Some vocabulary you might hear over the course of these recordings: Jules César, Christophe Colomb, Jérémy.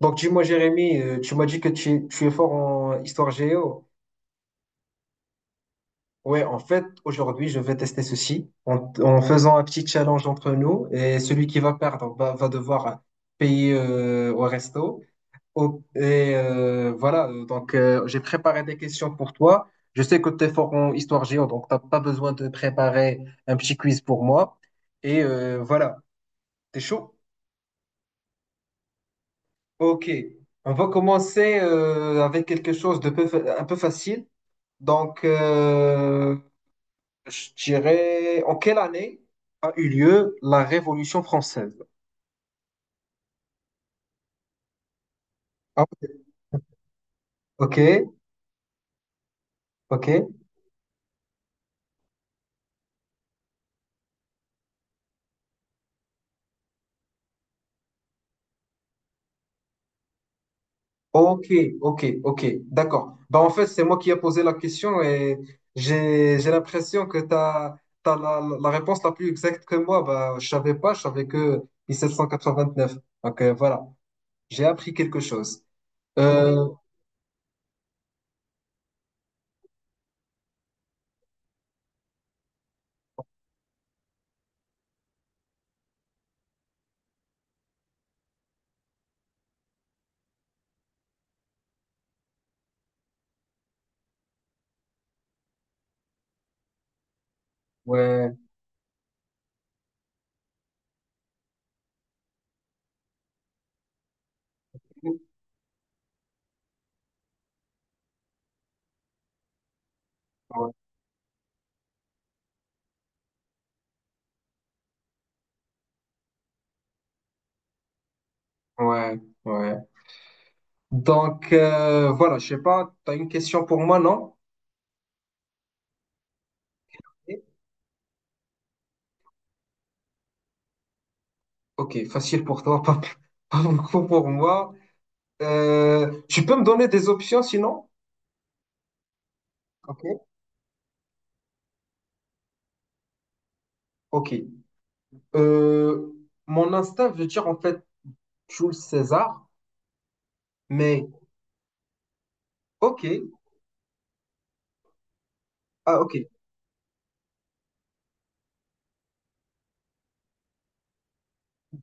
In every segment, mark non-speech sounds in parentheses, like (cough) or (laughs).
Donc, dis-moi, Jérémy, tu m'as dit que tu es fort en histoire géo. Ouais, en fait, aujourd'hui, je vais tester ceci en faisant un petit challenge entre nous. Et celui qui va perdre va devoir payer au resto. Voilà, donc j'ai préparé des questions pour toi. Je sais que tu es fort en histoire géo, donc t'as pas besoin de préparer un petit quiz pour moi. Et voilà, t'es chaud? Ok, on va commencer avec quelque chose de un peu facile. Donc, je dirais, en quelle année a eu lieu la Révolution française? Ah, ok, ok, ok, ok, ok, d'accord. Bah, en fait, c'est moi qui ai posé la question et j'ai l'impression que tu as la réponse la plus exacte que moi. Bah, je savais pas, je savais que 1789. Donc, voilà, j'ai appris quelque chose. Euh, ouais. Ouais, ouais. Ouais. Donc, voilà, je sais pas, tu as une question pour moi, non? Ok, facile pour toi, (laughs) pas, pas beaucoup pour moi. Tu peux me donner des options sinon? Ok. Ok. Euh, mon instinct veut dire en fait Jules César, mais ok. Ah, ok.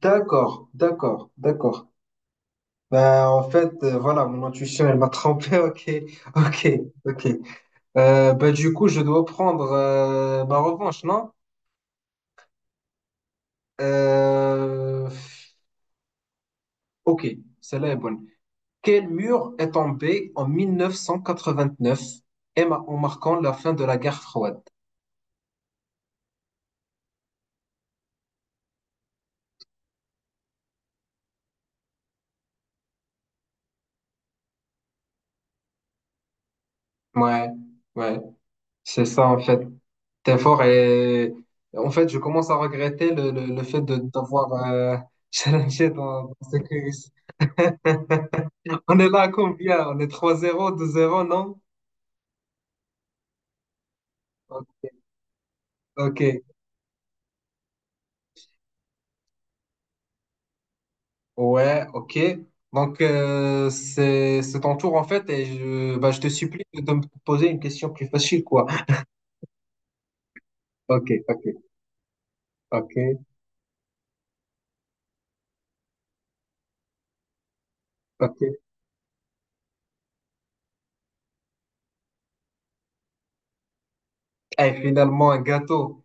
D'accord, d'accord, d'accord. Ben, en fait, voilà, mon intuition, elle m'a trompé. (laughs) Ok, ok, ok. Ben, du coup, je dois prendre ma revanche, non? Euh, ok, celle-là est bonne. Quel mur est tombé en 1989 et en marquant la fin de la guerre froide? Ouais, ouais, c'est ça en fait. T'es fort et en fait, je commence à regretter le fait de d'avoir (laughs) challengé dans ce quiz. On est là à combien? On est trois zéro, deux zéro, non? Ok. Ok. Ouais, ok. Donc, c'est ton tour en fait, et je, bah, je te supplie de me poser une question plus facile, quoi. Ok, ok, ok, ok. Et finalement, un gâteau,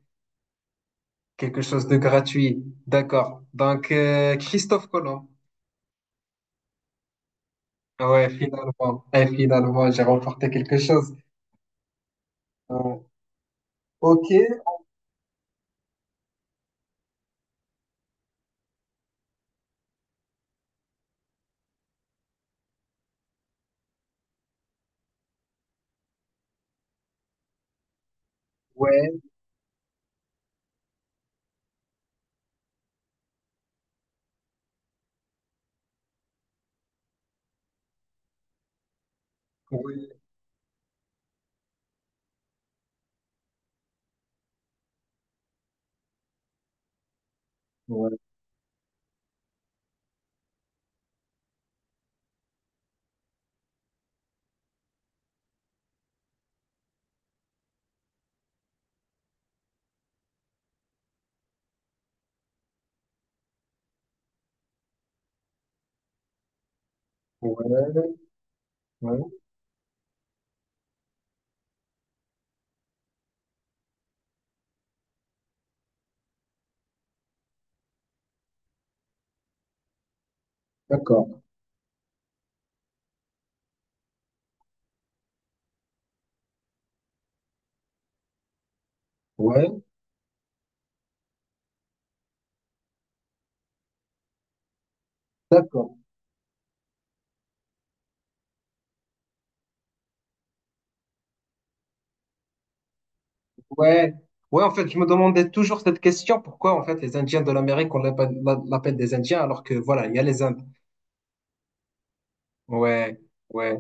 quelque chose de gratuit. D'accord. Donc, Christophe Colomb. Ouais, finalement. Et finalement, j'ai remporté quelque chose. Euh, ok, ouais, ouais, ouais, ouais, ouais. D'accord, ouais, d'accord. Ouais, ouais, en fait, je me demandais toujours cette question, pourquoi en fait les Indiens de l'Amérique, on l'appelle des Indiens alors que voilà, il y a les Indes. Ouais, ouais,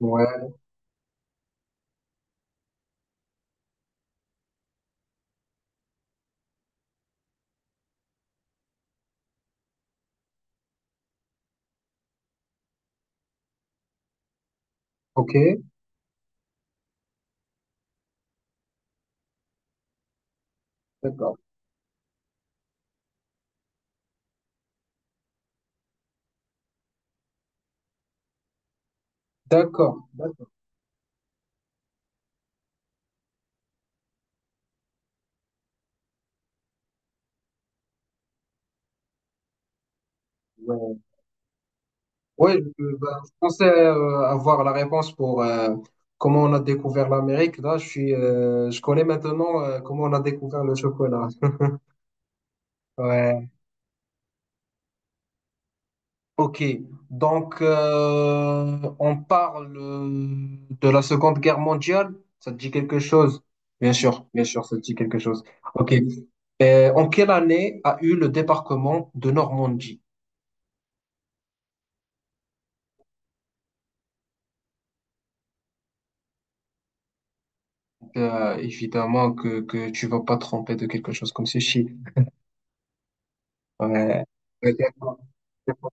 ouais, ok, d'accord, d'accord, d'accord, ouais. Ouais, je, ben, je pensais avoir la réponse pour comment on a découvert l'Amérique. Là, je suis, je connais maintenant comment on a découvert le chocolat. (laughs) Ouais. Ok, donc on parle de la Seconde Guerre mondiale. Ça te dit quelque chose? Bien sûr, ça te dit quelque chose. Ok. En quelle année a eu le débarquement de Normandie? Évidemment que tu vas pas te tromper de quelque chose comme ceci. Ouais. Ouais, d'accord, d'accord.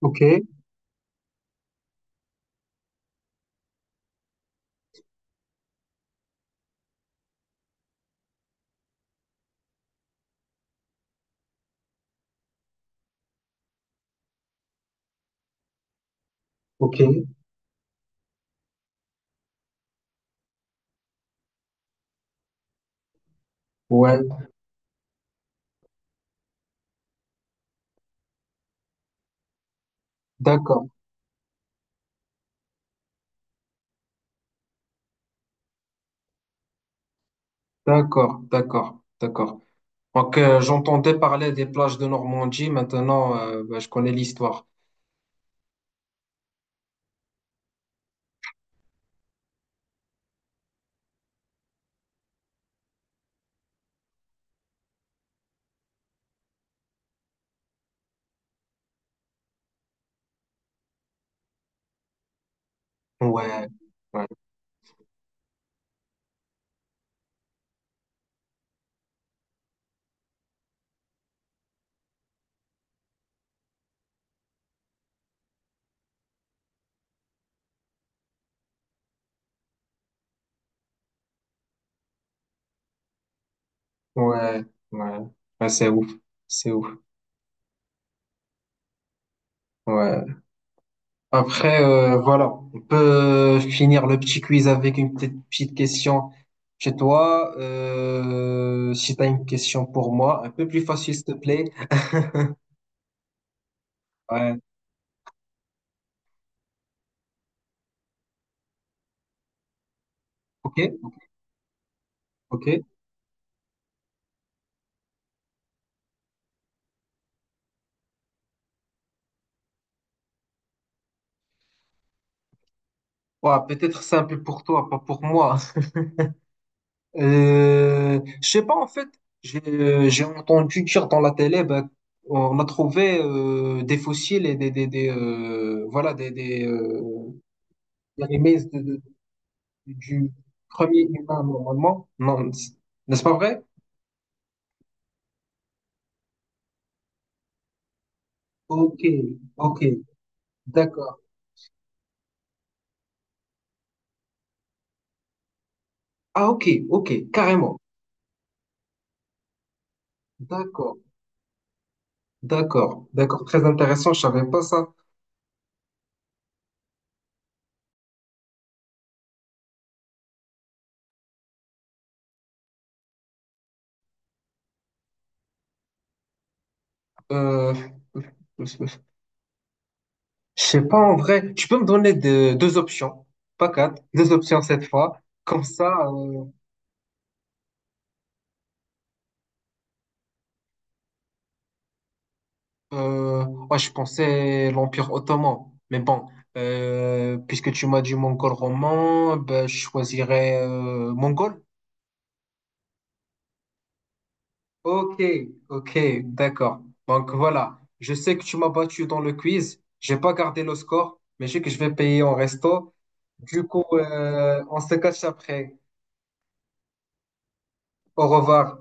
Ok, ok. Ouais, d'accord, d'accord, d'accord, d'accord. Donc j'entendais parler des plages de Normandie. Maintenant, bah, je connais l'histoire. Ouais, ouais, ouais, ouais, ouais, c'est ouf, ouais. Après, voilà, on peut finir le petit quiz avec une petite question chez toi. Si tu as une question pour moi, un peu plus facile, s'il te plaît. Ouais, ok, ok. Ouais, peut-être simple pour toi, pas pour moi. (laughs) Je sais pas, en fait, j'ai entendu dire dans la télé, ben, on a trouvé des fossiles et voilà, les remakes du premier humain normalement. Non, n'est-ce pas vrai? Ok, ok, d'accord. Ah, ok, ok, carrément. D'accord, d'accord, d'accord. Très intéressant, je savais pas ça. Euh, je sais pas en vrai. Tu peux me donner deux options, pas quatre, deux options cette fois. Comme ça, euh, ouais, je pensais l'Empire ottoman. Mais bon, puisque tu m'as dit mongol roman, ben, je choisirais mongol. Ok, ok, d'accord. Donc voilà, je sais que tu m'as battu dans le quiz. J'ai pas gardé le score, mais je sais que je vais payer en resto. Du coup, on se cache après. Au revoir.